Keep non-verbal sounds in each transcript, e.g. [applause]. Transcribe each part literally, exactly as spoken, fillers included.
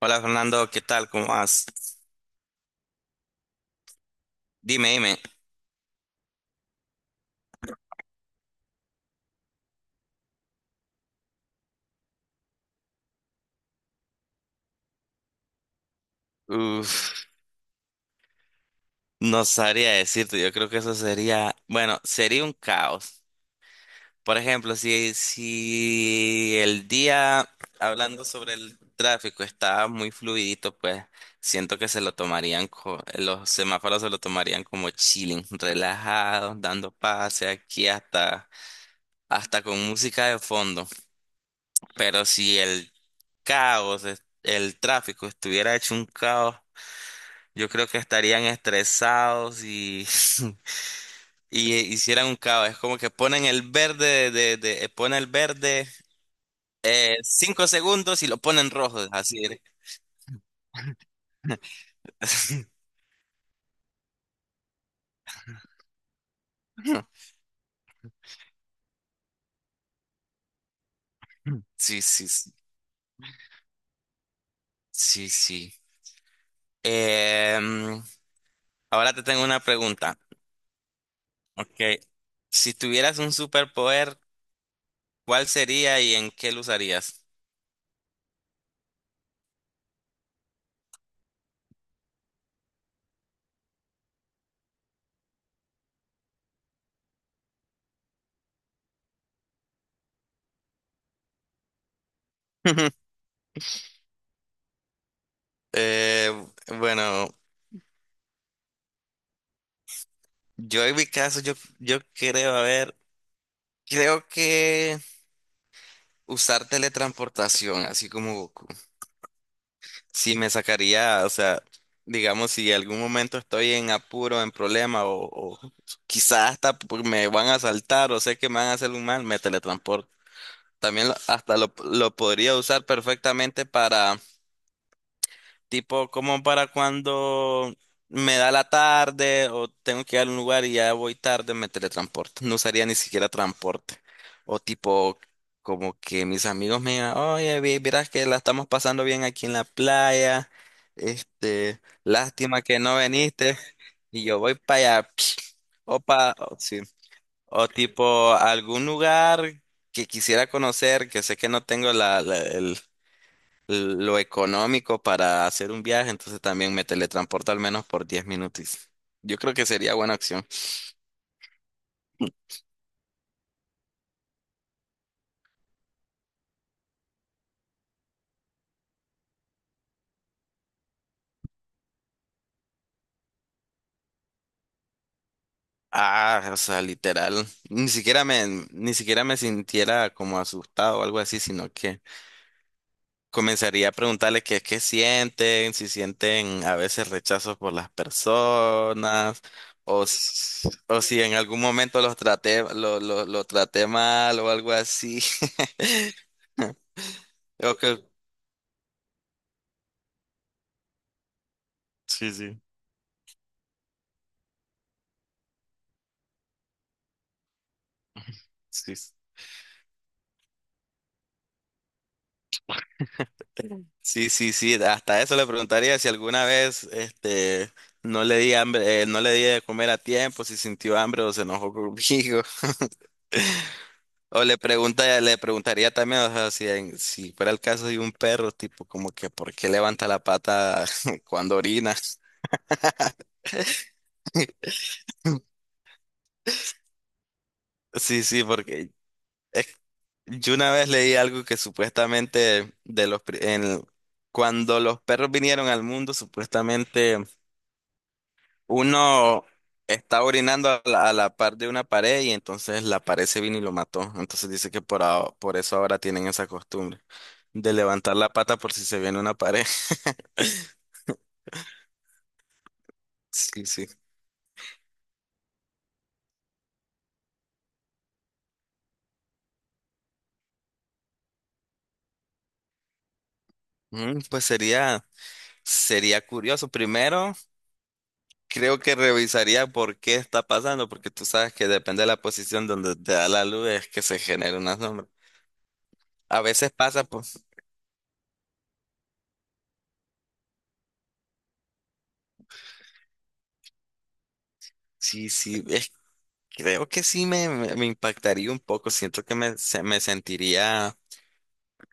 Hola Fernando, ¿qué tal? ¿Cómo vas? Dime, dime. Uf, no sabría decirte, yo creo que eso sería, bueno, sería un caos. Por ejemplo, si, si el día, hablando sobre el tráfico, está muy fluidito, pues siento que se lo tomarían, co- los semáforos se lo tomarían como chilling, relajados, dando pase aquí hasta, hasta con música de fondo. Pero si el caos, es- el tráfico estuviera hecho un caos. Yo creo que estarían estresados y, [laughs] y hicieran un caos. Es como que ponen el verde, de, de, de- ponen el verde eh, cinco segundos y lo ponen rojo. Así. [laughs] Sí, sí, sí, sí, sí. Em, Ahora te tengo una pregunta. Ok. Si tuvieras un superpoder, ¿cuál sería y en qué lo usarías? [laughs] Eh, bueno, yo en mi caso, yo, yo creo, a ver, creo que usar teletransportación, así como Goku. Sí, me sacaría, o sea, digamos, si en algún momento estoy en apuro, en problema, o, o quizás hasta por- me van a asaltar, o sé que me van a hacer un mal, me teletransporto. También lo- hasta lo, lo podría usar perfectamente para, tipo, como para cuando me da la tarde o tengo que ir a un lugar y ya voy tarde, me teletransporto. No usaría ni siquiera transporte. O tipo, como que mis amigos me digan, oye, vi- vieras que la estamos pasando bien aquí en la playa. Este, lástima que no viniste. Y yo voy para allá. [sniffs] [smacks lips] Opa, sí. O tipo algún lugar que quisiera conocer, que sé que no tengo la, lo económico para hacer un viaje, entonces también me teletransporto al menos por diez minutos. Yo creo que sería buena opción. Ah, o sea, literal, ni siquiera me, ni siquiera me sintiera como asustado o algo así, sino que comenzaría a preguntarle qué es que sienten, si sienten a veces rechazo por las personas, o, s- o si en algún momento los traté, lo, lo, lo traté mal o algo así. [laughs] Ok, sí, sí, sí. Sí, sí, sí, hasta eso le preguntaría si alguna vez, este, no le di hambre, eh, no le di de comer a tiempo, si sintió hambre o se enojó conmigo. [laughs] O le pregunta, le preguntaría también, o sea, si, en- si fuera el caso de un perro, tipo como que por qué levanta la pata [laughs] cuando orina. [laughs] Sí, sí, porque es- yo una vez leí algo que supuestamente de los pri- en- cuando los perros vinieron al mundo, supuestamente uno está orinando a la, a la par de una pared y entonces la pared se vino y lo mató. Entonces dice que por, aho- por eso ahora tienen esa costumbre de levantar la pata por si se viene una pared. [laughs] Sí, sí. Mm, pues sería, sería curioso. Primero, creo que revisaría por qué está pasando, porque tú sabes que depende de la posición donde te da la luz es que se genera una sombra. A veces pasa, pues sí, sí, es- creo que sí me, me, me impactaría un poco. Siento que me, se- me sentiría.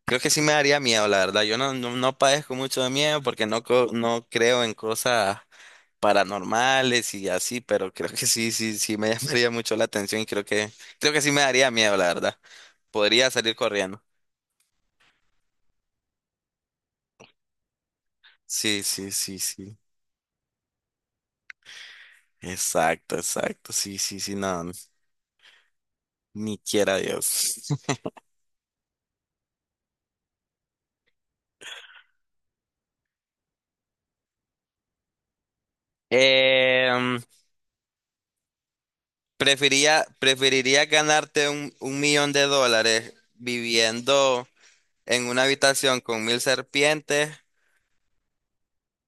Creo que sí me daría miedo, la verdad. Yo no, no, no padezco mucho de miedo porque no, co- no creo en cosas paranormales y así, pero creo que sí, sí, sí me [laughs] llamaría mucho la atención y creo que, creo que sí me daría miedo, la verdad. Podría salir corriendo. Sí, sí, sí, sí. Exacto, exacto. Sí, sí, sí, no, ni quiera Dios. [laughs] Em, Prefería, preferiría ganarte un, un millón de dólares viviendo en una habitación con mil serpientes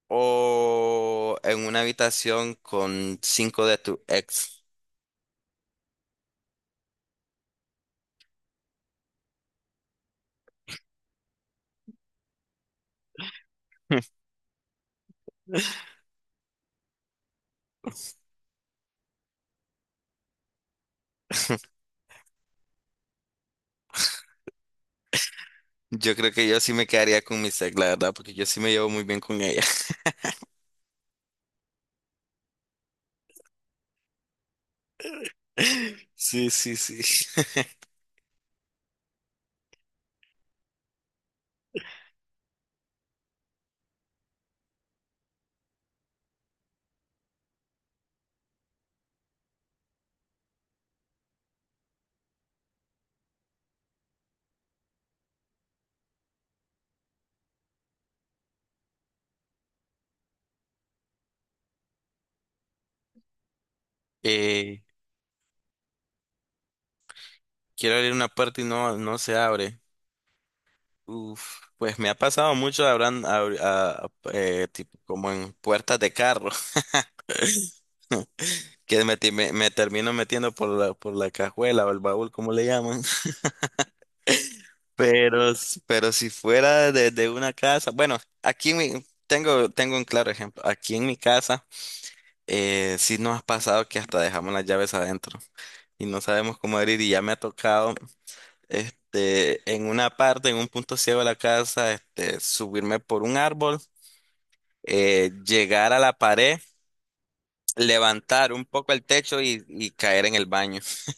o en una habitación con cinco de tu ex. [laughs] Yo creo que yo sí me quedaría con mi ex, la verdad, porque yo sí me llevo muy bien con ella. [laughs] Sí, sí, sí. [laughs] Eh, Quiero abrir una puerta y no, no se abre. Uf, pues me ha pasado mucho, habrán, abri- a- a- eh, tipo, como en puertas de carro, [laughs] que me, ti- me, me termino metiendo por la, por la cajuela o el baúl, como le llaman. Pero, s- pero si fuera de, de una casa, bueno, aquí en mi- tengo, tengo un claro ejemplo. Aquí en mi casa, eh, sí nos ha pasado que hasta dejamos las llaves adentro y no sabemos cómo abrir y ya me ha tocado, este, en una parte, en un punto ciego de la casa, este, subirme por un árbol, eh, llegar a la pared, levantar un poco el techo y, y caer en el baño. [laughs]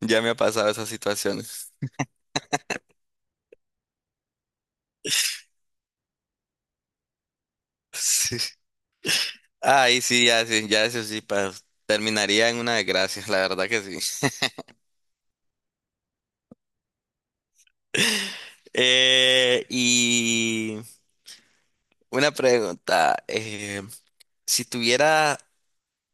Ya me ha pasado esas situaciones. [laughs] Ahí sí, ya, sí, ya eso sí, pa- terminaría en una desgracia, la verdad que sí. Eh, y una pregunta, eh, si tuviera,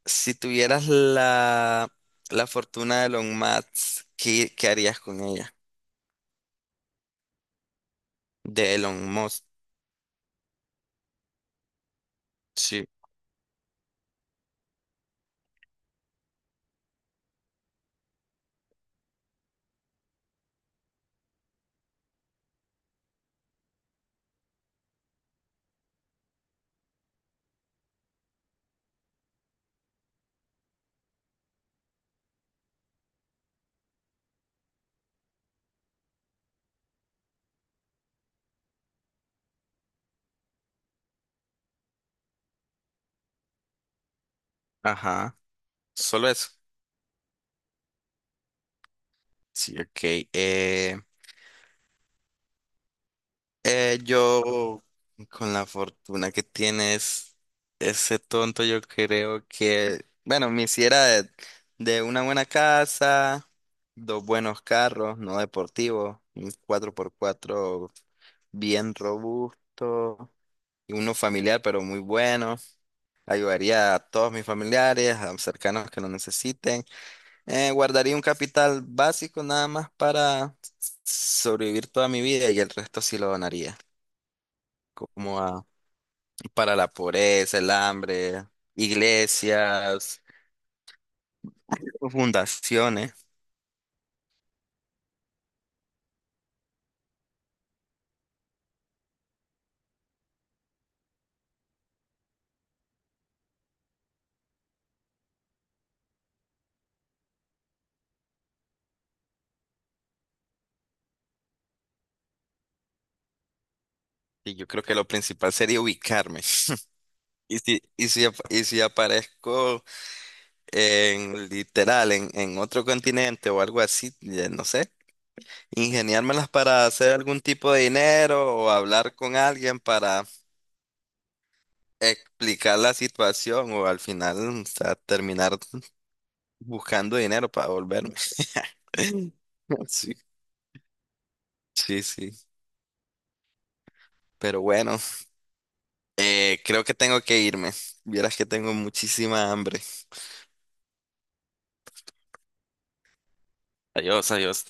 si tuvieras la, la fortuna de Elon Musk, ¿qué, qué harías con ella? De Elon Musk, sí, ajá, solo eso. Sí, ok. eh, Eh, yo, con la fortuna que tienes, ese tonto, yo creo que, bueno, me hiciera de, de una buena casa, dos buenos carros, no deportivos, un cuatro por cuatro bien robusto y uno familiar, pero muy bueno. Ayudaría a todos mis familiares, a cercanos que lo necesiten. Eh, guardaría un capital básico nada más para sobrevivir toda mi vida y el resto sí lo donaría. Como a, para la pobreza, el hambre, iglesias, fundaciones. Y yo creo que lo principal sería ubicarme. Y si, y si, ap- y si aparezco en literal en, en otro continente o algo así, ya no sé, ingeniármelas para hacer algún tipo de dinero o hablar con alguien para explicar la situación o al final, o sea, terminar buscando dinero para volverme. [laughs] Sí, sí, sí. Pero bueno. Eh, creo que tengo que irme. Vieras que tengo muchísima hambre. Adiós, adiós.